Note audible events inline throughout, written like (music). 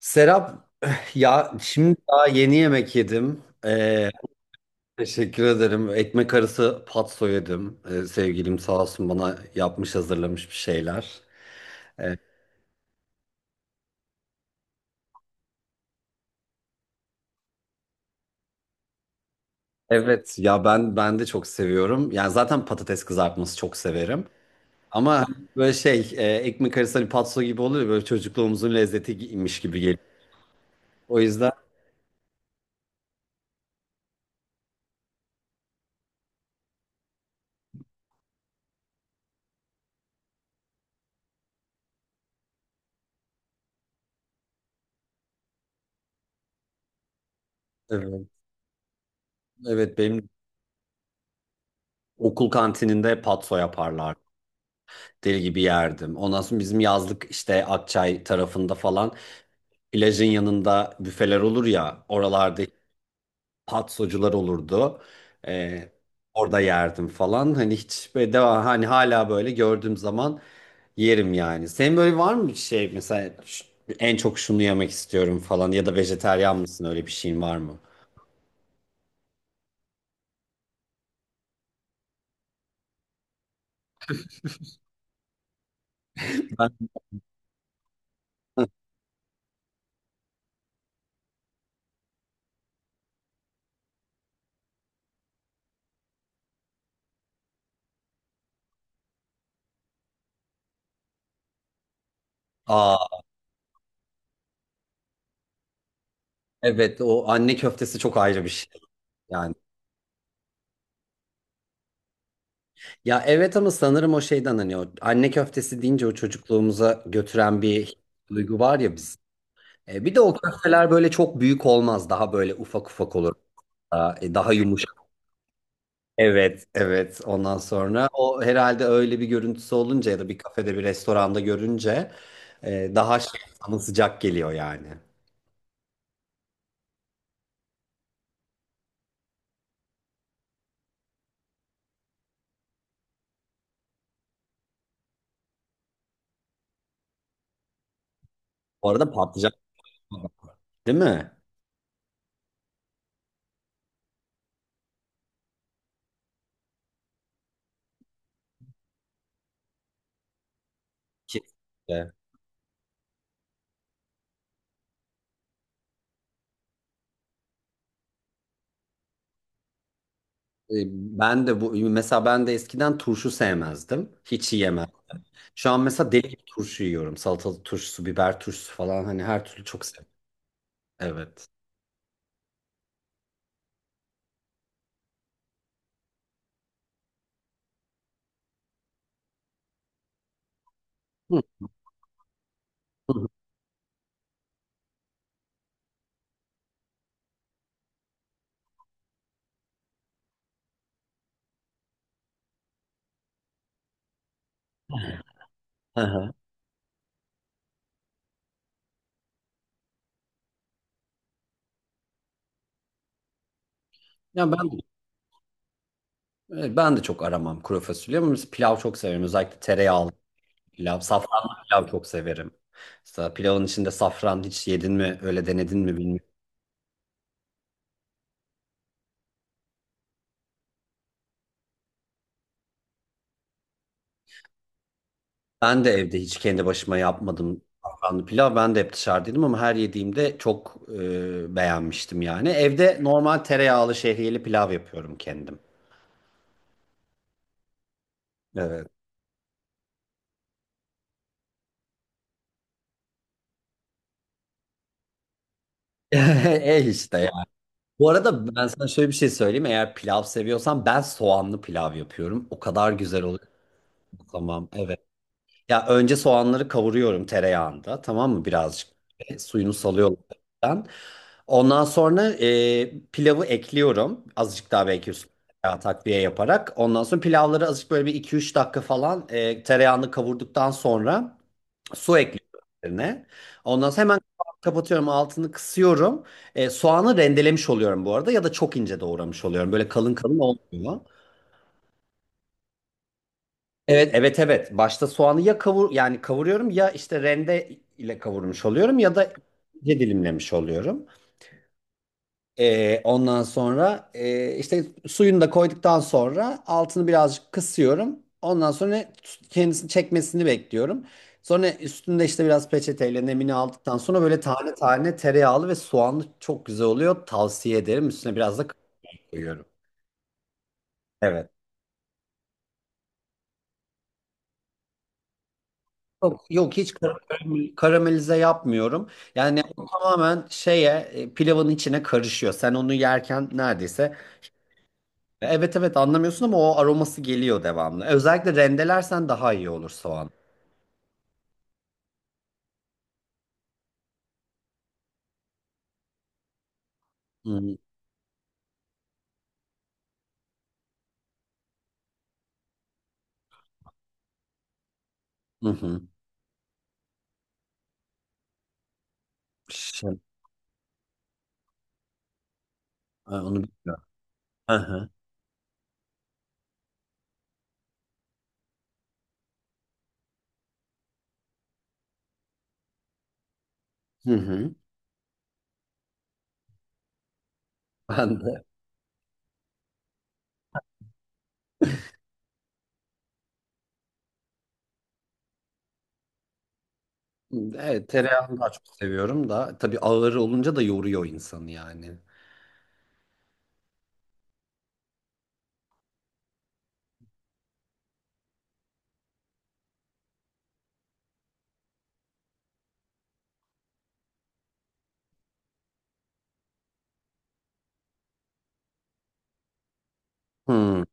Serap, (sighs) ya şimdi daha yeni yemek yedim. Teşekkür ederim. Ekmek arası patso yedim. Sevgilim sağ olsun bana yapmış hazırlamış bir şeyler. Evet ya ben de çok seviyorum. Yani zaten patates kızartması çok severim. Ama böyle ekmek arası hani patso gibi oluyor ya, böyle çocukluğumuzun lezzetiymiş gibi geliyor. O yüzden evet, evet benim okul kantininde patso yaparlar. Deli gibi yerdim. Ondan sonra bizim yazlık işte Akçay tarafında falan plajın yanında büfeler olur ya oralarda patsocular olurdu. Ee, orada yerdim falan. Hani hiç böyle devam hani hala böyle gördüğüm zaman yerim yani. Senin böyle var mı bir şey mesela en çok şunu yemek istiyorum falan ya da vejeteryan mısın öyle bir şeyin var mı? (laughs) Ben. Aa, evet o anne köftesi çok ayrı bir şey yani. Ya evet ama sanırım o şeyden hani o anne köftesi deyince o çocukluğumuza götüren bir duygu var ya biz. E, bir de o köfteler böyle çok büyük olmaz. Daha böyle ufak ufak olur. Daha, daha yumuşak. Evet, evet. Ondan sonra o herhalde öyle bir görüntüsü olunca ya da bir kafede bir restoranda görünce daha şey, sana sıcak geliyor yani. Bu arada patlıcan, değil mi? Kesinlikle. E, Ben de bu mesela ben de eskiden turşu sevmezdim. Hiç yiyemem. Şu an mesela deli gibi turşu yiyorum. Salatalık turşusu, biber turşusu falan hani her türlü çok seviyorum. Evet. Hı. Hı hı. Hı hı. Ya ben. Evet, ben de çok aramam kuru fasulye ama biz pilav çok severim. Özellikle tereyağlı pilav, safranlı pilav çok severim. Mesela pilavın içinde safran hiç yedin mi, öyle denedin mi bilmiyorum. Ben de evde hiç kendi başıma yapmadım safranlı pilav. Ben de hep dışarıdaydım ama her yediğimde çok beğenmiştim yani. Evde normal tereyağlı şehriyeli pilav yapıyorum kendim. Evet. (laughs) E işte yani. Bu arada ben sana şöyle bir şey söyleyeyim. Eğer pilav seviyorsan ben soğanlı pilav yapıyorum. O kadar güzel oluyor. Tamam. Evet. Ya önce soğanları kavuruyorum tereyağında, tamam mı, birazcık. Suyunu salıyorum ben. Ondan sonra pilavı ekliyorum azıcık daha belki üstüne tereyağı takviye yaparak. Ondan sonra pilavları azıcık böyle bir iki üç dakika falan tereyağını kavurduktan sonra su ekliyorum üzerine. Ondan sonra hemen kapatıyorum, altını kısıyorum. Soğanı rendelemiş oluyorum bu arada ya da çok ince doğramış oluyorum. Böyle kalın kalın olmuyor. Evet evet evet. Başta soğanı ya kavur yani kavuruyorum ya işte rende ile kavurmuş oluyorum ya da ince dilimlemiş oluyorum. Ondan sonra işte suyunu da koyduktan sonra altını birazcık kısıyorum. Ondan sonra kendisini çekmesini bekliyorum. Sonra üstünde işte biraz peçeteyle nemini aldıktan sonra böyle tane tane tereyağlı ve soğanlı çok güzel oluyor. Tavsiye ederim. Üstüne biraz da kaşar koyuyorum. Evet. Yok, yok hiç karamelize yapmıyorum. Yani o tamamen pilavın içine karışıyor. Sen onu yerken neredeyse evet evet anlamıyorsun ama o aroması geliyor devamlı. Özellikle rendelersen daha iyi olur soğan. Hı hı. Hı hı. Şey, ha, onu bilmiyorum. Hı hı. Hı hı. Ben de evet, tereyağını daha çok seviyorum da tabii ağır olunca da yoruyor insanı yani. Hı.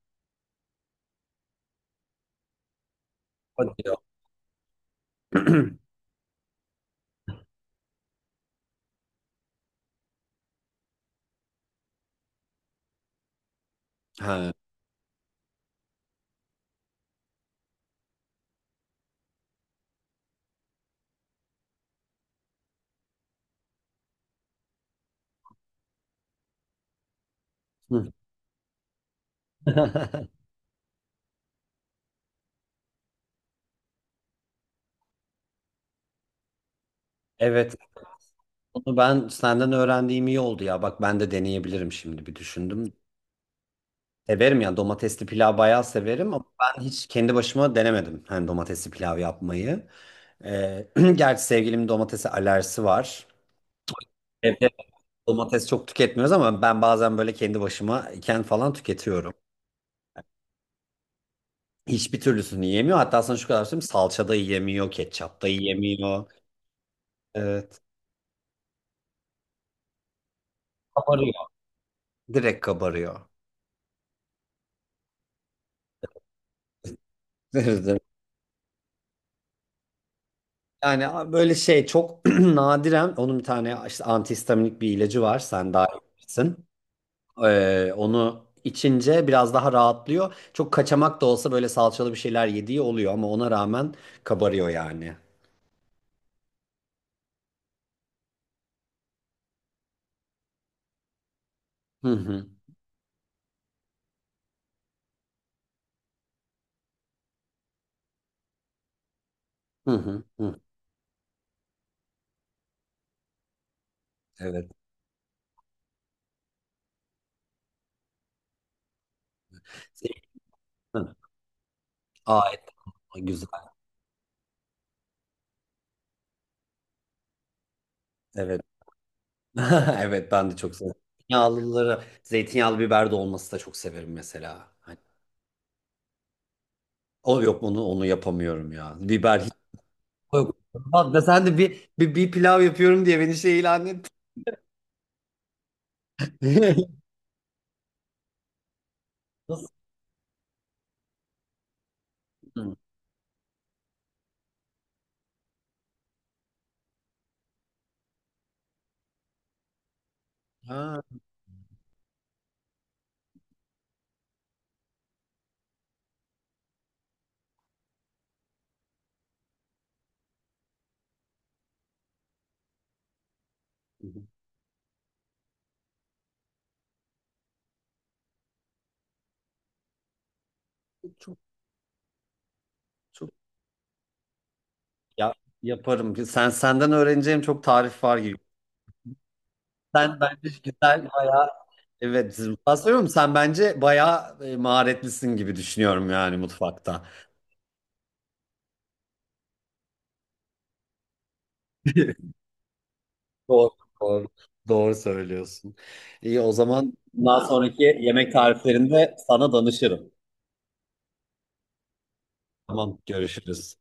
Hadi ya. (clears throat) Ha. Hı. (laughs) Evet. Onu ben senden öğrendiğim iyi oldu ya. Bak ben de deneyebilirim, şimdi bir düşündüm. Severim ya, domatesli pilav bayağı severim ama ben hiç kendi başıma denemedim. Hani domatesli pilav yapmayı. Ee, (clears throat) gerçi sevgilimin domatese alerjisi var. Evde domates çok tüketmiyoruz ama ben bazen böyle kendi başıma iken falan tüketiyorum. Hiçbir türlüsünü yiyemiyor. Hatta sana şu kadar söyleyeyim, salça da yiyemiyor, ketçap da yiyemiyor. Evet. Kabarıyor. Direkt kabarıyor. (laughs) Yani böyle şey çok (clears throat) nadiren onun bir tane işte antihistaminik bir ilacı var. Sen daha iyi bilirsin. Onu içince biraz daha rahatlıyor. Çok kaçamak da olsa böyle salçalı bir şeyler yediği oluyor ama ona rağmen kabarıyor yani. Hı hı. Hı hı. Hı. Evet. Hı. Aa, et güzel. Evet. (laughs) Evet ben de çok seviyorum. Zeytinyağlıları, zeytinyağlı biber de olması da çok severim mesela. Hani, o yok, onu yapamıyorum ya. Biber. Yok. Bak da sen de bir pilav yapıyorum diye beni şey ilan ettin. (laughs) Nasıl? Ha. Çok çok ya, yaparım. Senden öğreneceğim çok tarif var gibi. Sen bence güzel bayağı, evet, mutfağı söylüyorum. Sen bence bayağı maharetlisin gibi düşünüyorum yani mutfakta. (laughs) Doğru, doğru. Doğru söylüyorsun. İyi, o zaman bundan sonraki yemek tariflerinde sana danışırım. Tamam, görüşürüz.